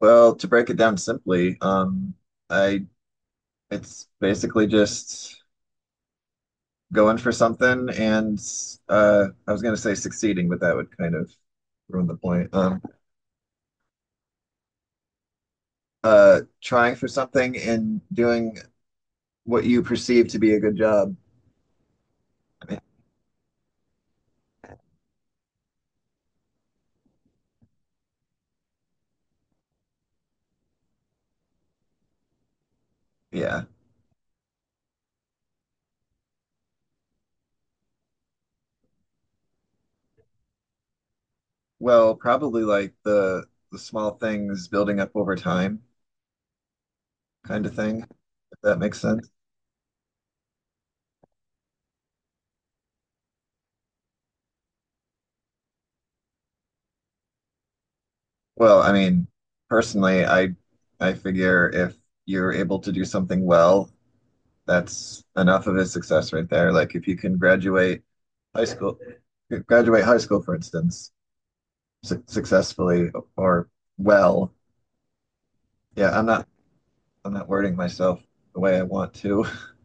Well, to break it down simply, I it's basically just going for something and I was gonna say succeeding, but that would kind of ruin the point. Trying for something and doing what you perceive to be a good job. Yeah. Well, probably like the small things building up over time kind of thing, if that makes sense. Well, I mean, personally, I figure if you're able to do something well, that's enough of a success right there. Like if you can high school, graduate high school, for instance, successfully or well. Yeah, I'm not wording myself the way I want to.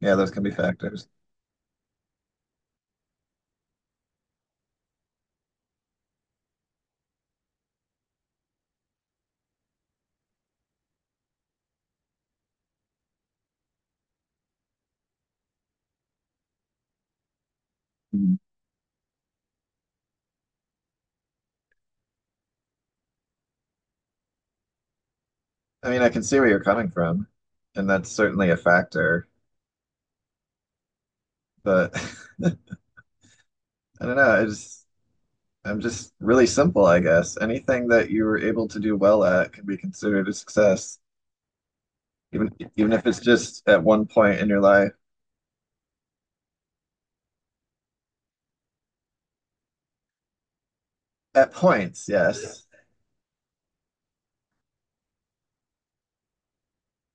Yeah, those can be factors. Mhm. I mean, I can see where you're coming from, and that's certainly a factor, but I don't know. I'm just really simple, I guess. Anything that you were able to do well at can be considered a success, even even if it's just at one point in your life. At points, yes.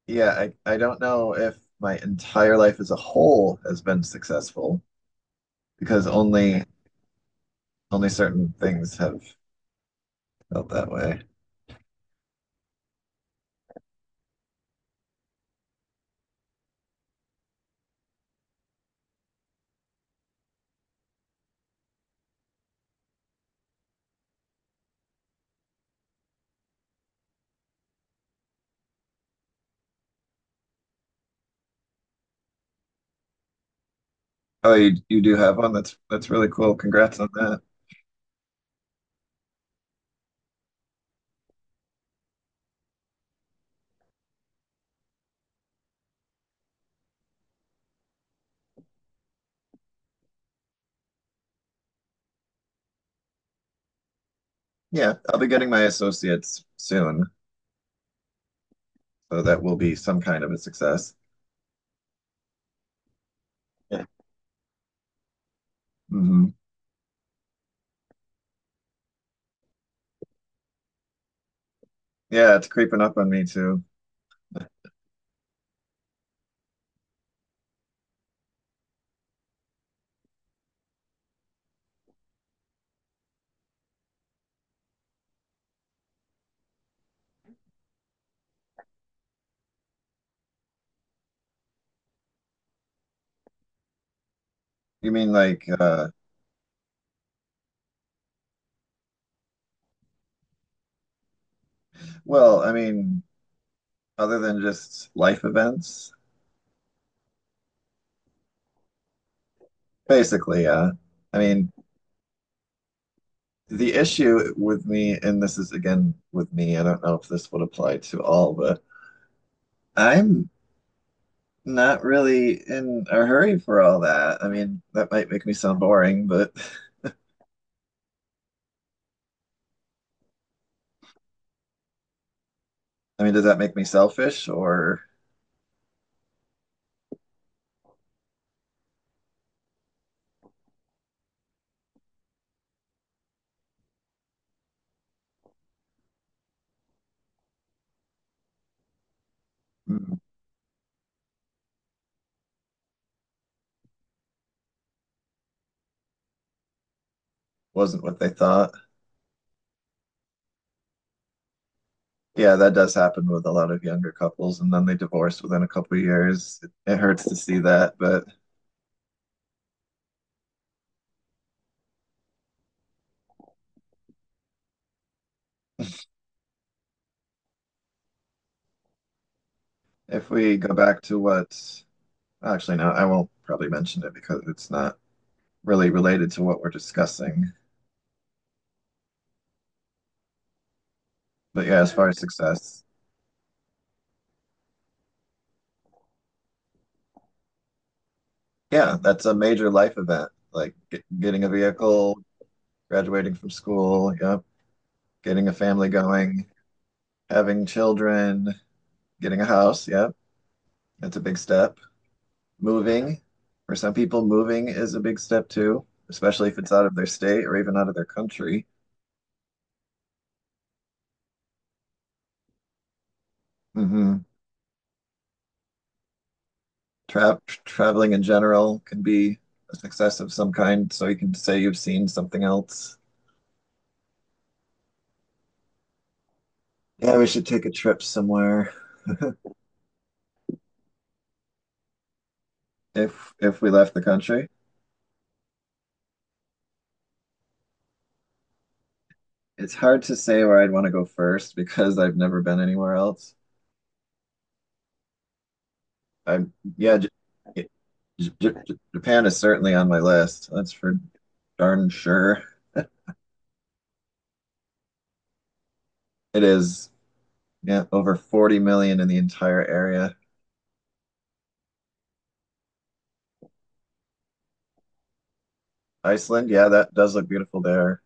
Yeah, I don't know if my entire life as a whole has been successful because only certain things have felt that way. Oh, you do have one. That's really cool. Congrats on that. Yeah, I'll be getting my associates soon, so that will be some kind of a success. Yeah. Hmm. Yeah, it's creeping up on me too. You mean like well, I mean, other than just life events, basically, yeah. I mean, the issue with me, and this is again with me, I don't know if this would apply to all, but I'm not really in a hurry for all that. I mean, that might make me sound boring, but I mean, does that make me selfish or mm, wasn't what they thought? Yeah, that does happen with a lot of younger couples, and then they divorce within a couple of years. It hurts to see that, but if we go back to what, actually, no, I won't probably mention it because it's not really related to what we're discussing. But yeah, as far as success, yeah, that's a major life event. Like getting a vehicle, graduating from school, yep, getting a family going, having children, getting a house, yep, that's a big step. Moving, for some people, moving is a big step too, especially if it's out of their state or even out of their country. Hmm. Traveling in general can be a success of some kind, so you can say you've seen something else. Yeah, we should take a trip somewhere if we left the country. It's hard to say where I'd want to go first because I've never been anywhere else. I'm yeah, J J J Japan is certainly on my list. That's for darn sure. It is, yeah, over 40 million in the entire area. Iceland, yeah, that does look beautiful there.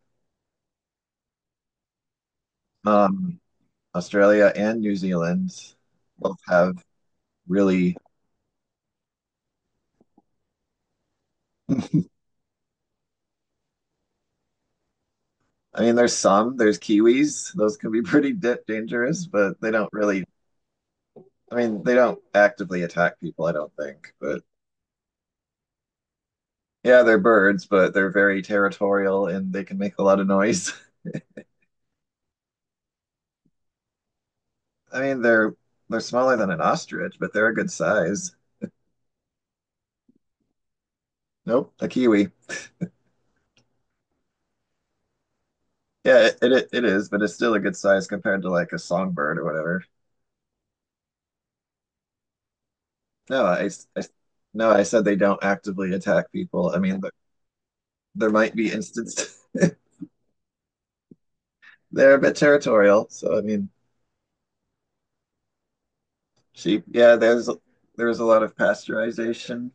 Um, Australia and New Zealand both have really there's some, there's Kiwis. Those can be pretty da dangerous, but they don't really, I mean, they don't actively attack people, I don't think. But yeah, they're birds, but they're very territorial and they can make a lot of noise. I mean, they're smaller than an ostrich, but they're a good size. Nope, a kiwi. Yeah, it is, but it's still a good size compared to like a songbird or whatever. No, I said they don't actively attack people. I mean, but there might be instances. They're a bit territorial. So I mean, sheep. Yeah, there's a lot of pasteurization.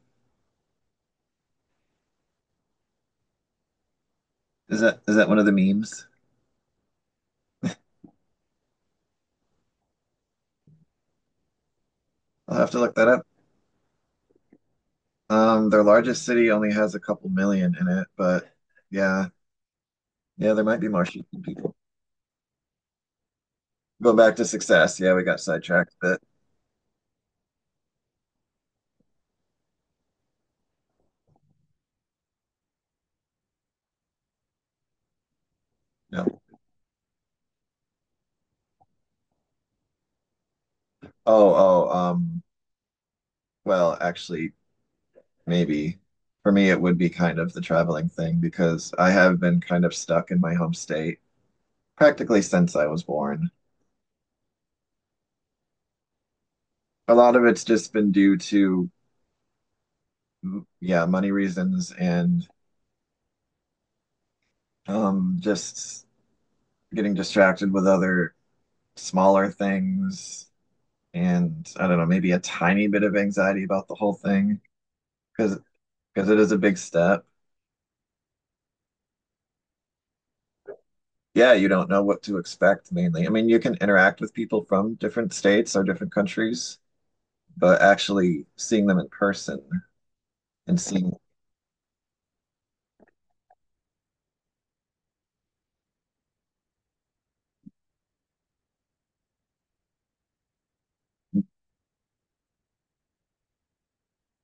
Is that one of the memes? I'll have to look that up. Their largest city only has a couple million in it, but yeah, yeah, there might be more Shiki people. Go back to success. Yeah, we got sidetracked, but no. Oh, oh, um, Actually, maybe for me it would be kind of the traveling thing because I have been kind of stuck in my home state practically since I was born. A lot of it's just been due to, yeah, money reasons and um, just getting distracted with other smaller things, and I don't know, maybe a tiny bit of anxiety about the whole thing because it is a big step. Yeah, you don't know what to expect mainly. I mean, you can interact with people from different states or different countries, but actually seeing them in person and seeing,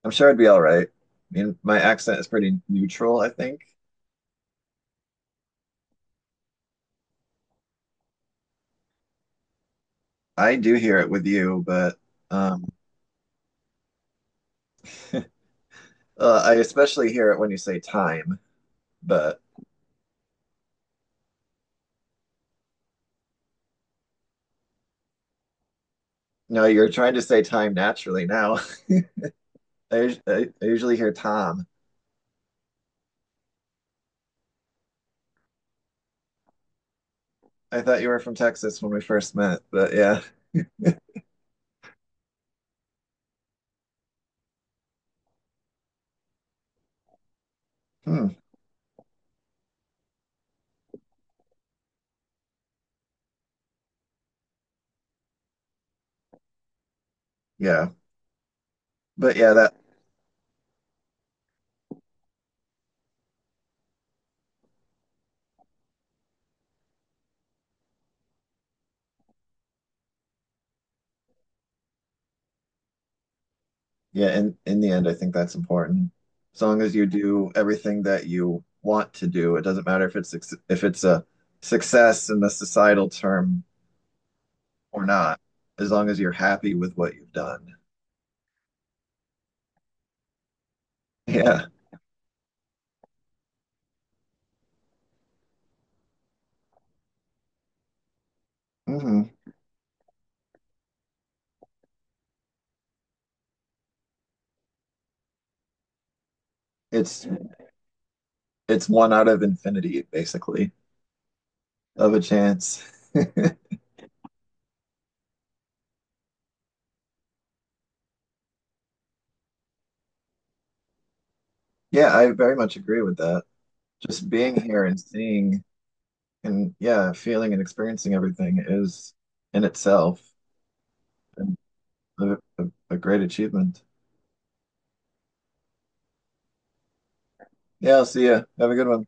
I'm sure I'd be all right. I mean, my accent is pretty neutral, I think. I do hear it with you, but um, I especially hear it when you say time. But no, you're trying to say time naturally now. I usually hear Tom. I thought you were from Texas when we first met, but yeah. Hmm. Yeah. But yeah, that yeah, in the end I think that's important. As long as you do everything that you want to do, it doesn't matter if it's if it's a success in the societal term or not, as long as you're happy with what you've done. Yeah. Hmm. It's it's one out of infinity, basically, of a chance. Yeah, I very much agree with that. Just being here and seeing and yeah, feeling and experiencing everything is in itself a, a, a great achievement. Yeah, I'll see ya. Have a good one.